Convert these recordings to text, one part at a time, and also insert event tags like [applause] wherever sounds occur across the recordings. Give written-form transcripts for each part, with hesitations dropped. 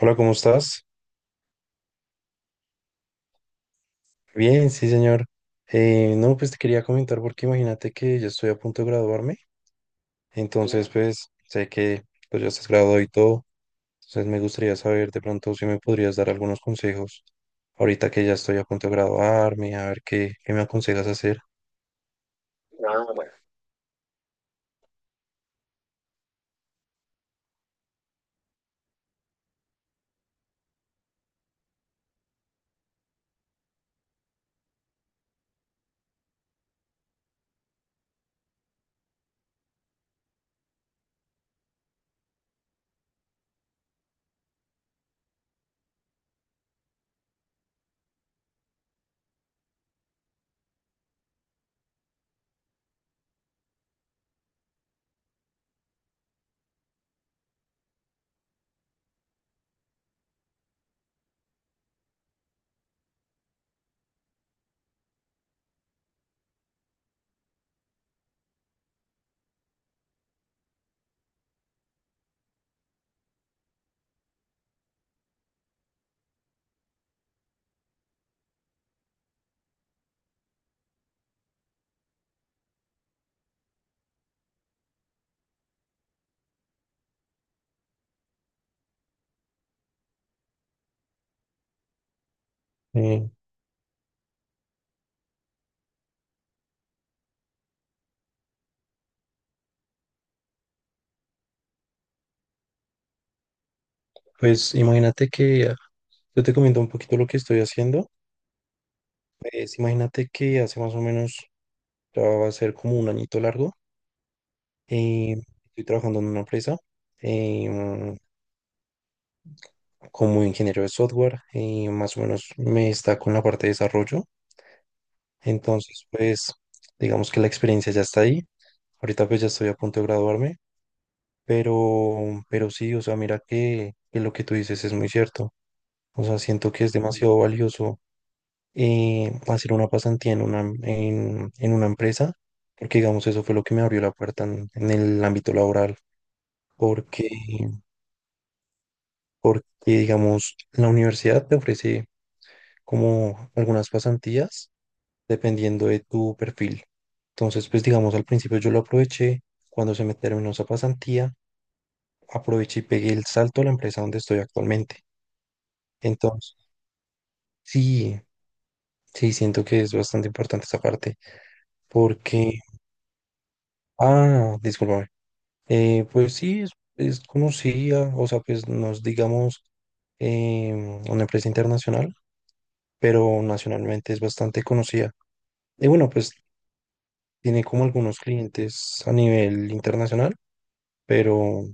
Hola, ¿cómo estás? Bien, sí, señor. No, pues te quería comentar porque imagínate que yo estoy a punto de graduarme, entonces claro. Pues sé que pues ya estás graduado y todo, entonces me gustaría saber de pronto si me podrías dar algunos consejos ahorita que ya estoy a punto de graduarme, a ver qué me aconsejas hacer. Ah, bueno. Eh, pues imagínate que yo te comento un poquito lo que estoy haciendo, pues imagínate que hace más o menos, ya va a ser como un añito largo. Eh, Estoy trabajando en una empresa eh, como ingeniero de software y más o menos me está con la parte de desarrollo. Entonces, pues, digamos que la experiencia ya está ahí. Ahorita pues ya estoy a punto de graduarme, pero sí, o sea, mira que lo que tú dices es muy cierto. O sea, siento que es demasiado valioso hacer una pasantía en en una empresa, porque digamos, eso fue lo que me abrió la puerta en el ámbito laboral, porque digamos, la universidad te ofrece como algunas pasantías dependiendo de tu perfil. Entonces, pues digamos, al principio yo lo aproveché, cuando se me terminó esa pasantía, aproveché y pegué el salto a la empresa donde estoy actualmente. Entonces, sí, sí, siento que es bastante importante esa parte, porque, ah, discúlpame. Eh, pues sí, es, es conocida, o sea, pues nos digamos una empresa internacional, pero nacionalmente es bastante conocida. Y bueno, pues tiene como algunos clientes a nivel internacional, pero,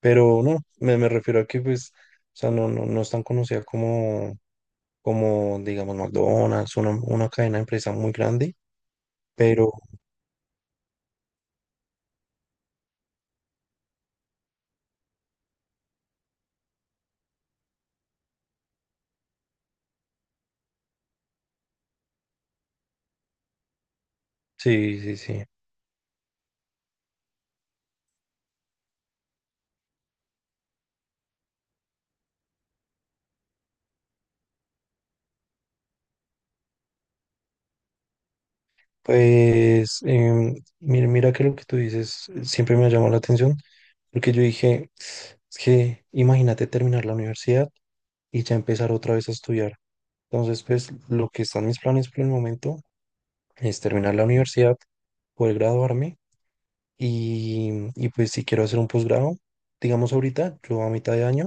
pero no, me refiero a que pues, o sea, no es tan conocida como, como digamos, McDonald's, una cadena de empresa muy grande, pero sí, sí, sí. Pues, mira que lo que tú dices siempre me ha llamado la atención, porque yo dije, es que imagínate terminar la universidad y ya empezar otra vez a estudiar. Entonces, pues lo que están mis planes por el momento es terminar la universidad, poder graduarme pues si quiero hacer un posgrado, digamos ahorita, yo a mitad de año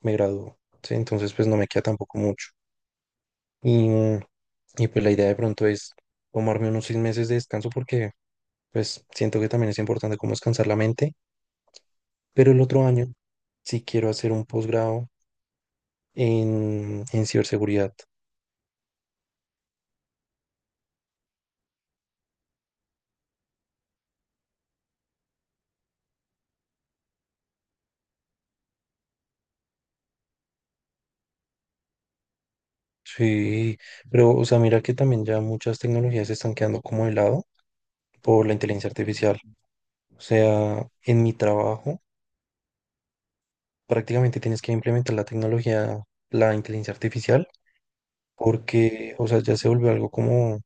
me gradúo, ¿sí? Entonces, pues no me queda tampoco mucho. Y, y pues la idea de pronto es tomarme unos 6 meses de descanso, porque pues siento que también es importante como descansar la mente, pero el otro año sí quiero hacer un posgrado en ciberseguridad. Sí, pero o sea, mira que también ya muchas tecnologías se están quedando como de lado por la inteligencia artificial. O sea, en mi trabajo prácticamente tienes que implementar la tecnología, la inteligencia artificial, porque, o sea, ya se volvió algo como,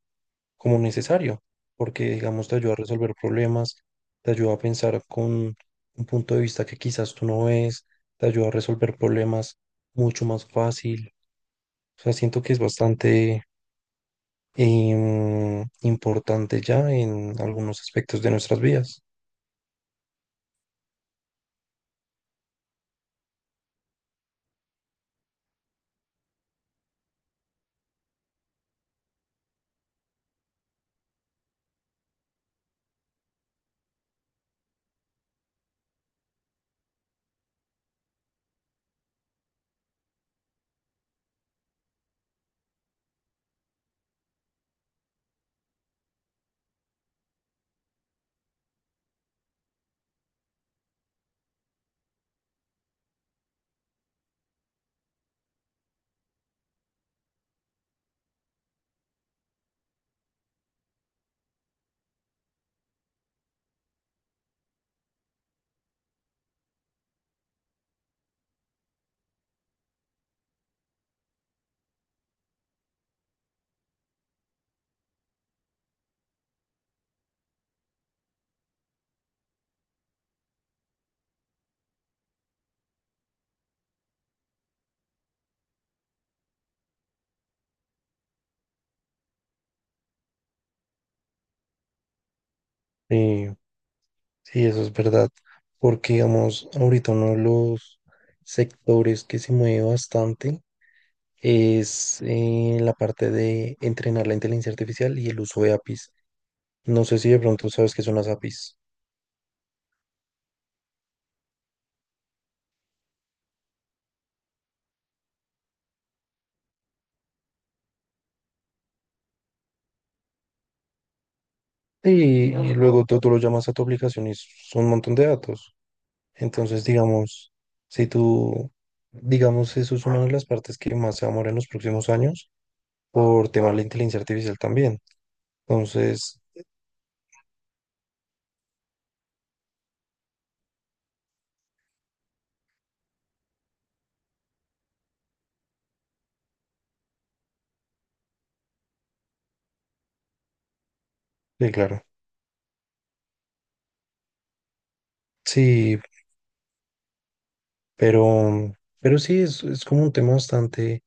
como necesario, porque, digamos, te ayuda a resolver problemas, te ayuda a pensar con un punto de vista que quizás tú no ves, te ayuda a resolver problemas mucho más fácil. O sea, siento que es bastante, importante ya en algunos aspectos de nuestras vidas. Sí, sí, eso es verdad, porque digamos, ahorita uno de los sectores que se mueve bastante es la parte de entrenar la inteligencia artificial y el uso de APIs. No sé si de pronto sabes qué son las APIs. Y luego tú lo llamas a tu aplicación y son un montón de datos. Entonces, digamos, si tú, digamos, eso es una de las partes que más se va a mover en los próximos años por tema de la inteligencia artificial también. Entonces, sí, claro. Sí, pero, pero sí, es como un tema bastante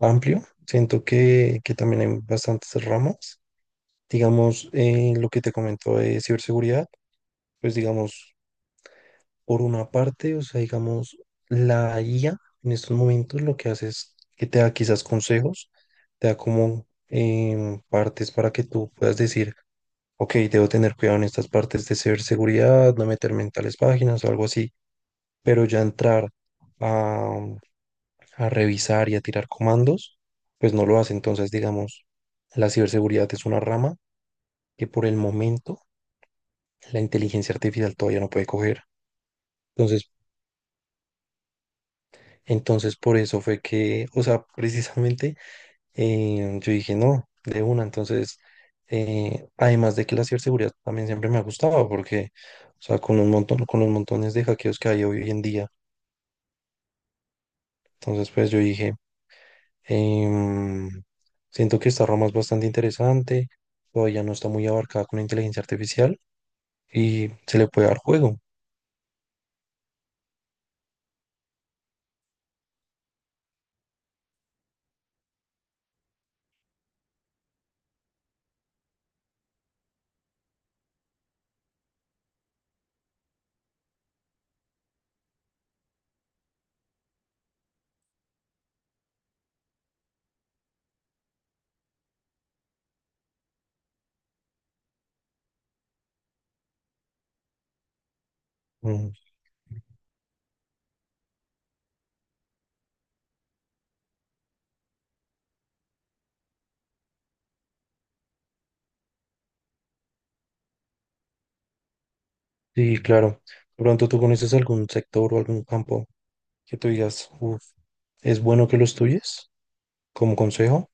amplio. Siento que también hay bastantes ramas. Digamos, lo que te comento de ciberseguridad, pues digamos, por una parte, o sea, digamos, la IA en estos momentos lo que hace es que te da quizás consejos, te da como partes para que tú puedas decir ok, debo tener cuidado en estas partes de ciberseguridad, no meterme en tales páginas o algo así, pero ya entrar a, a revisar y a tirar comandos, pues no lo hace. Entonces, digamos, la ciberseguridad es una rama que por el momento la inteligencia artificial todavía no puede coger. Entonces, entonces, por eso fue que, o sea, [laughs] precisamente yo dije, no, de una. Entonces, además de que la ciberseguridad también siempre me ha gustado, porque, o sea, con un montón, con los montones de hackeos que hay hoy en día. Entonces, pues yo dije, em, siento que esta rama es bastante interesante, todavía no está muy abarcada con la inteligencia artificial y se le puede dar juego. Mm, sí, claro. De pronto tú conoces algún sector o algún campo que tú digas, "Uf, es bueno que lo estudies como consejo."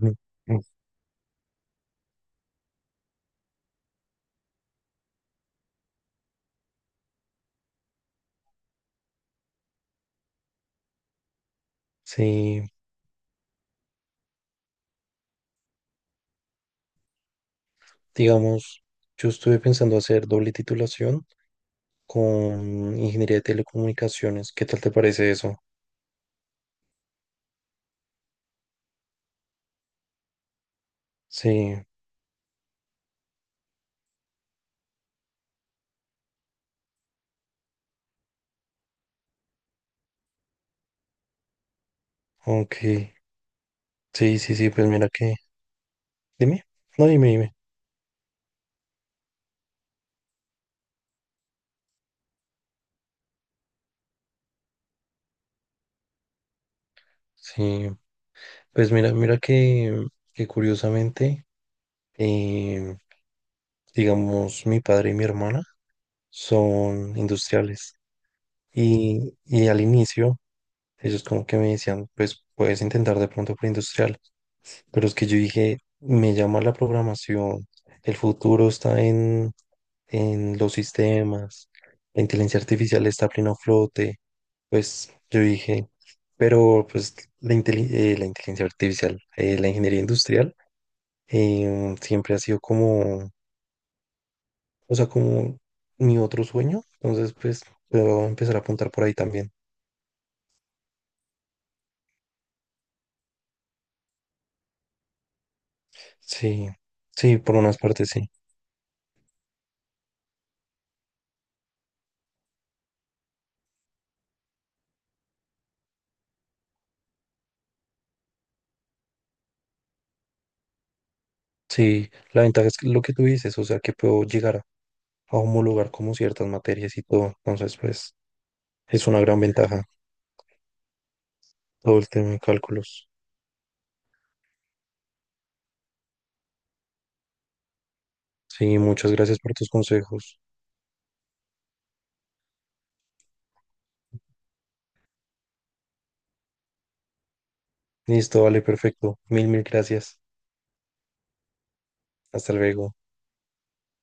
Mm, mm. Sí. Digamos, yo estuve pensando hacer doble titulación con ingeniería de telecomunicaciones. ¿Qué tal te parece eso? Sí, ok. Sí, sí, sí, pues mira que. Dime. No, dime, dime. Sí, pues mira, mira que curiosamente, eh, digamos, mi padre y mi hermana son industriales. Y al inicio, ellos como que me decían, pues puedes intentar de pronto preindustrial. Pero es que yo dije, me llama la programación, el futuro está en los sistemas, la inteligencia artificial está a pleno flote. Pues yo dije, pero pues la inteligencia artificial, la ingeniería industrial, siempre ha sido como, o sea, como mi otro sueño. Entonces, pues puedo empezar a apuntar por ahí también. Sí, sí, por unas partes sí. Sí, la ventaja es que lo que tú dices, o sea, que puedo llegar a homologar como ciertas materias y todo. Entonces, pues, es una gran ventaja todo el tema de cálculos. Sí, muchas gracias por tus consejos. Listo, vale, perfecto. Mil gracias. Hasta luego.